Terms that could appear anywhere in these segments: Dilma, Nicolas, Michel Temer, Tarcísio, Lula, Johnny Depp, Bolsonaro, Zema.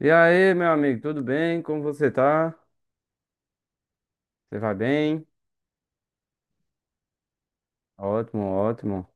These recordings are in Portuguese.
E aí, meu amigo, tudo bem? Como você tá? Você vai bem? Ótimo, ótimo.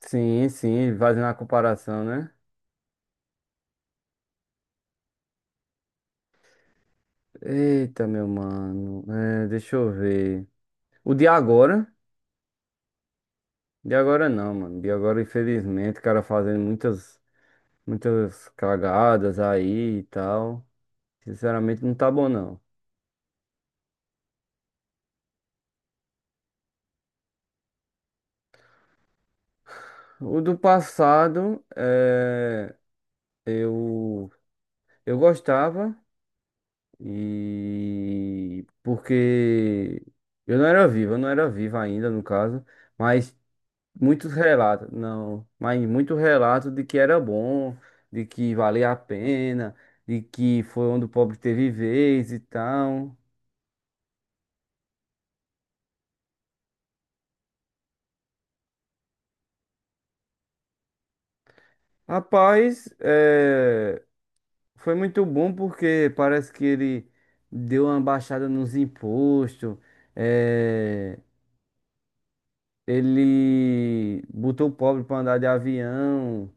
Sim, sim, fazendo a comparação, né? Eita, meu mano, é, deixa eu ver. O de agora? De agora não, mano. De agora, infelizmente, o cara fazendo muitas cagadas aí e tal. Sinceramente, não tá bom, não. O do passado, é, eu, eu gostava. E porque eu não era vivo, eu não era vivo ainda, no caso, mas muitos relatos, não, mas muito relato de que era bom, de que valia a pena, de que foi onde o pobre teve vez e tal. Rapaz, é, foi muito bom porque parece que ele deu uma baixada nos impostos, é, ele botou o pobre para andar de avião.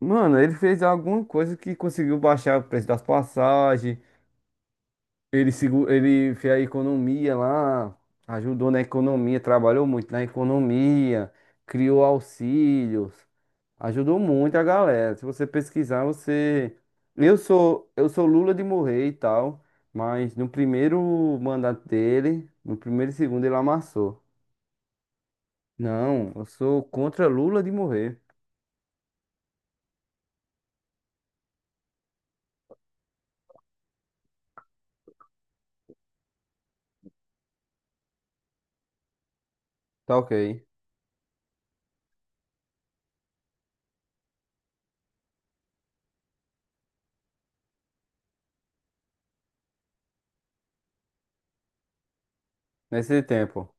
Mano, ele fez alguma coisa que conseguiu baixar o preço das passagens. Ele fez a economia lá, ajudou na economia, trabalhou muito na economia, criou auxílios, ajudou muito a galera. Se você pesquisar, você. Eu sou Lula de morrer e tal, mas no primeiro mandato dele, no primeiro e segundo, ele amassou. Não, eu sou contra Lula de morrer. Tá, ok. Nesse tempo,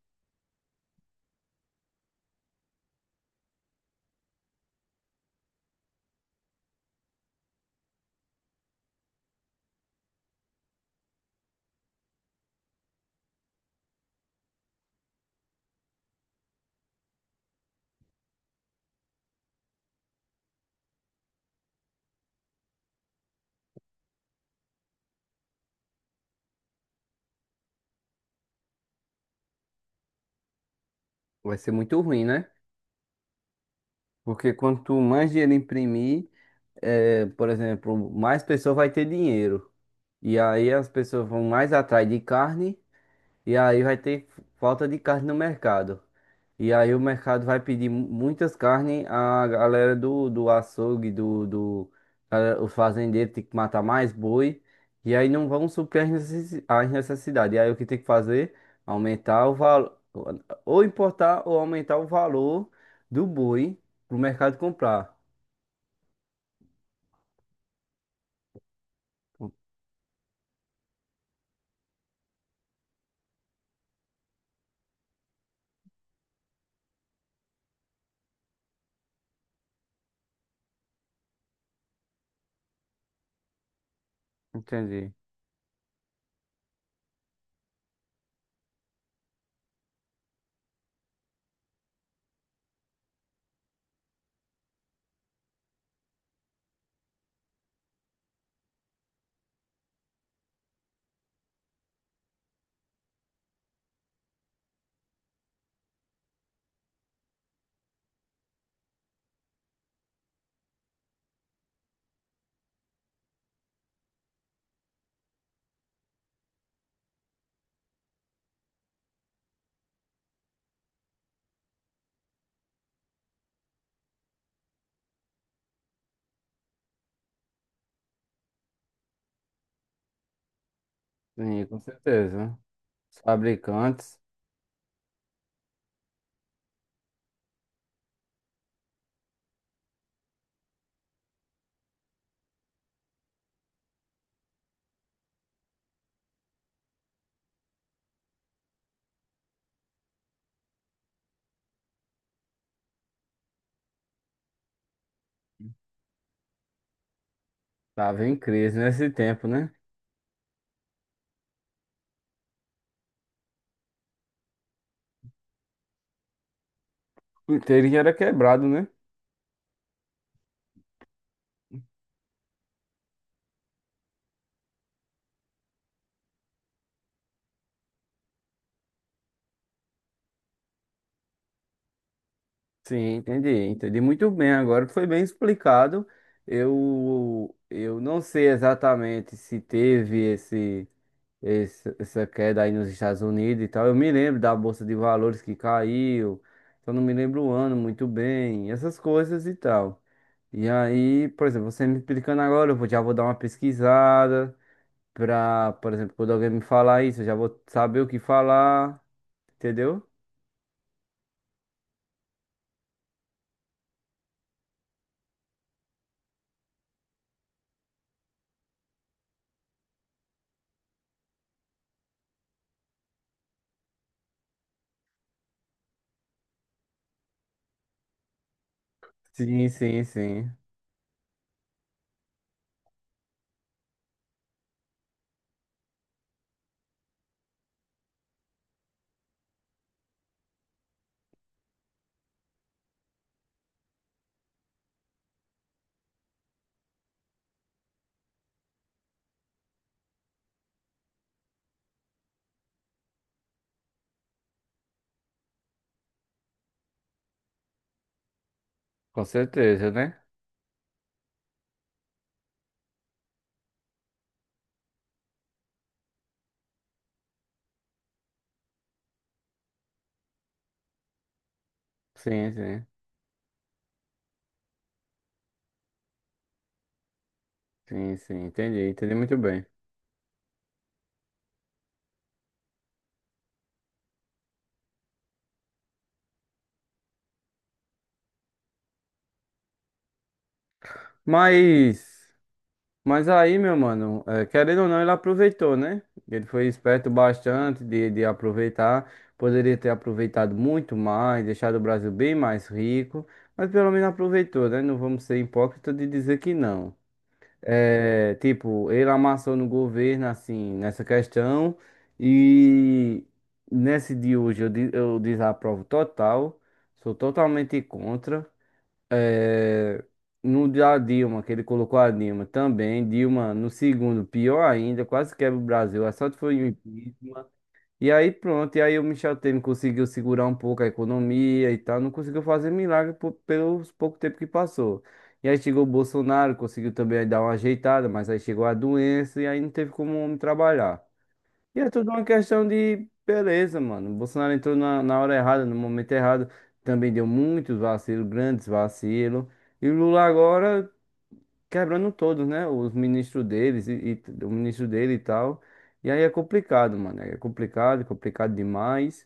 vai ser muito ruim, né? Porque quanto mais dinheiro imprimir, é, por exemplo, mais pessoa vai ter dinheiro. E aí as pessoas vão mais atrás de carne e aí vai ter falta de carne no mercado. E aí o mercado vai pedir muitas carnes, a galera do açougue, o fazendeiro tem que matar mais boi, e aí não vão suprir as as necessidades. E aí o que tem que fazer? Aumentar o valor, ou importar ou aumentar o valor do boi para o mercado comprar. Entendi. Sim, com certeza. Os fabricantes estavam em crise nesse tempo, né? O inteiro já era quebrado, né? Sim, entendi muito bem. Agora foi bem explicado. Eu não sei exatamente se teve esse, essa queda aí nos Estados Unidos e tal. Eu me lembro da Bolsa de Valores que caiu, só não me lembro o ano muito bem, essas coisas e tal. E aí, por exemplo, você me explicando agora, já vou dar uma pesquisada pra, por exemplo, quando alguém me falar isso, eu já vou saber o que falar, entendeu? Sim, sim, sim. Com certeza, né? Sim, sim, sim, sim, entendi muito bem. Mas, mas aí, meu mano, querendo ou não, ele aproveitou, né? Ele foi esperto bastante de aproveitar. Poderia ter aproveitado muito mais, deixado o Brasil bem mais rico, mas pelo menos aproveitou, né? Não vamos ser hipócritas de dizer que não. É, tipo, ele amassou no governo, assim, nessa questão, e nesse de hoje eu desaprovo total, sou totalmente contra. É, no da Dilma, que ele colocou a Dilma também. Dilma, no segundo, pior ainda, quase quebra o Brasil. A sorte foi o impeachment. E aí pronto, e aí o Michel Temer conseguiu segurar um pouco a economia e tal. Não conseguiu fazer milagre por, pelos pouco tempo que passou. E aí chegou o Bolsonaro, conseguiu também dar uma ajeitada, mas aí chegou a doença e aí não teve como o homem trabalhar. E é tudo uma questão de beleza, mano. O Bolsonaro entrou na hora errada, no momento errado. Também deu muitos vacilos, grandes vacilos. E o Lula agora quebrando todos, né? Os ministros deles e o ministro dele e tal. E aí é complicado, mano. É complicado, complicado demais.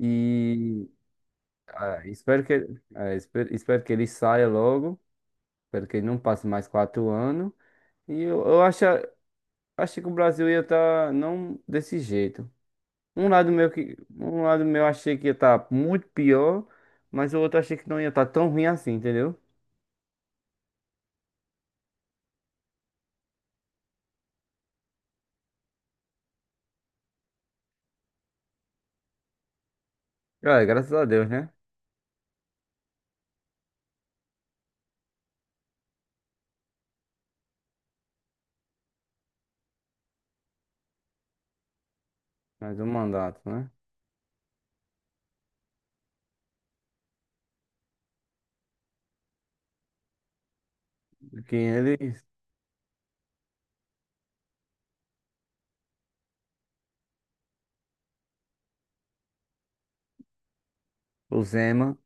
E ah, espero que, ah, espero que ele saia logo. Espero que ele não passe mais 4 anos. E eu acho, acho que o Brasil ia estar não desse jeito. Um lado meu achei que ia estar muito pior, mas o outro achei que não ia estar tão ruim assim, entendeu? É, graças a Deus, né? Mais um mandato, né? Que eles, o Zema,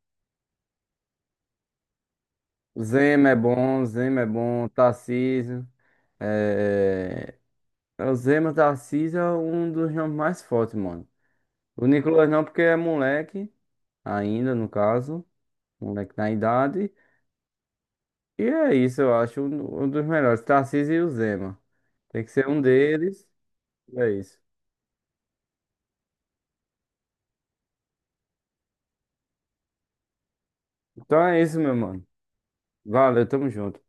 Zema é bom, Tarcísio, é... O Zema, Tarcísio é um dos nomes mais fortes, mano. O Nicolas não, porque é moleque, ainda no caso, moleque na idade. E é isso, eu acho um dos melhores, Tarcísio e o Zema. Tem que ser um deles, é isso. Então é isso, meu mano. Valeu, tamo junto.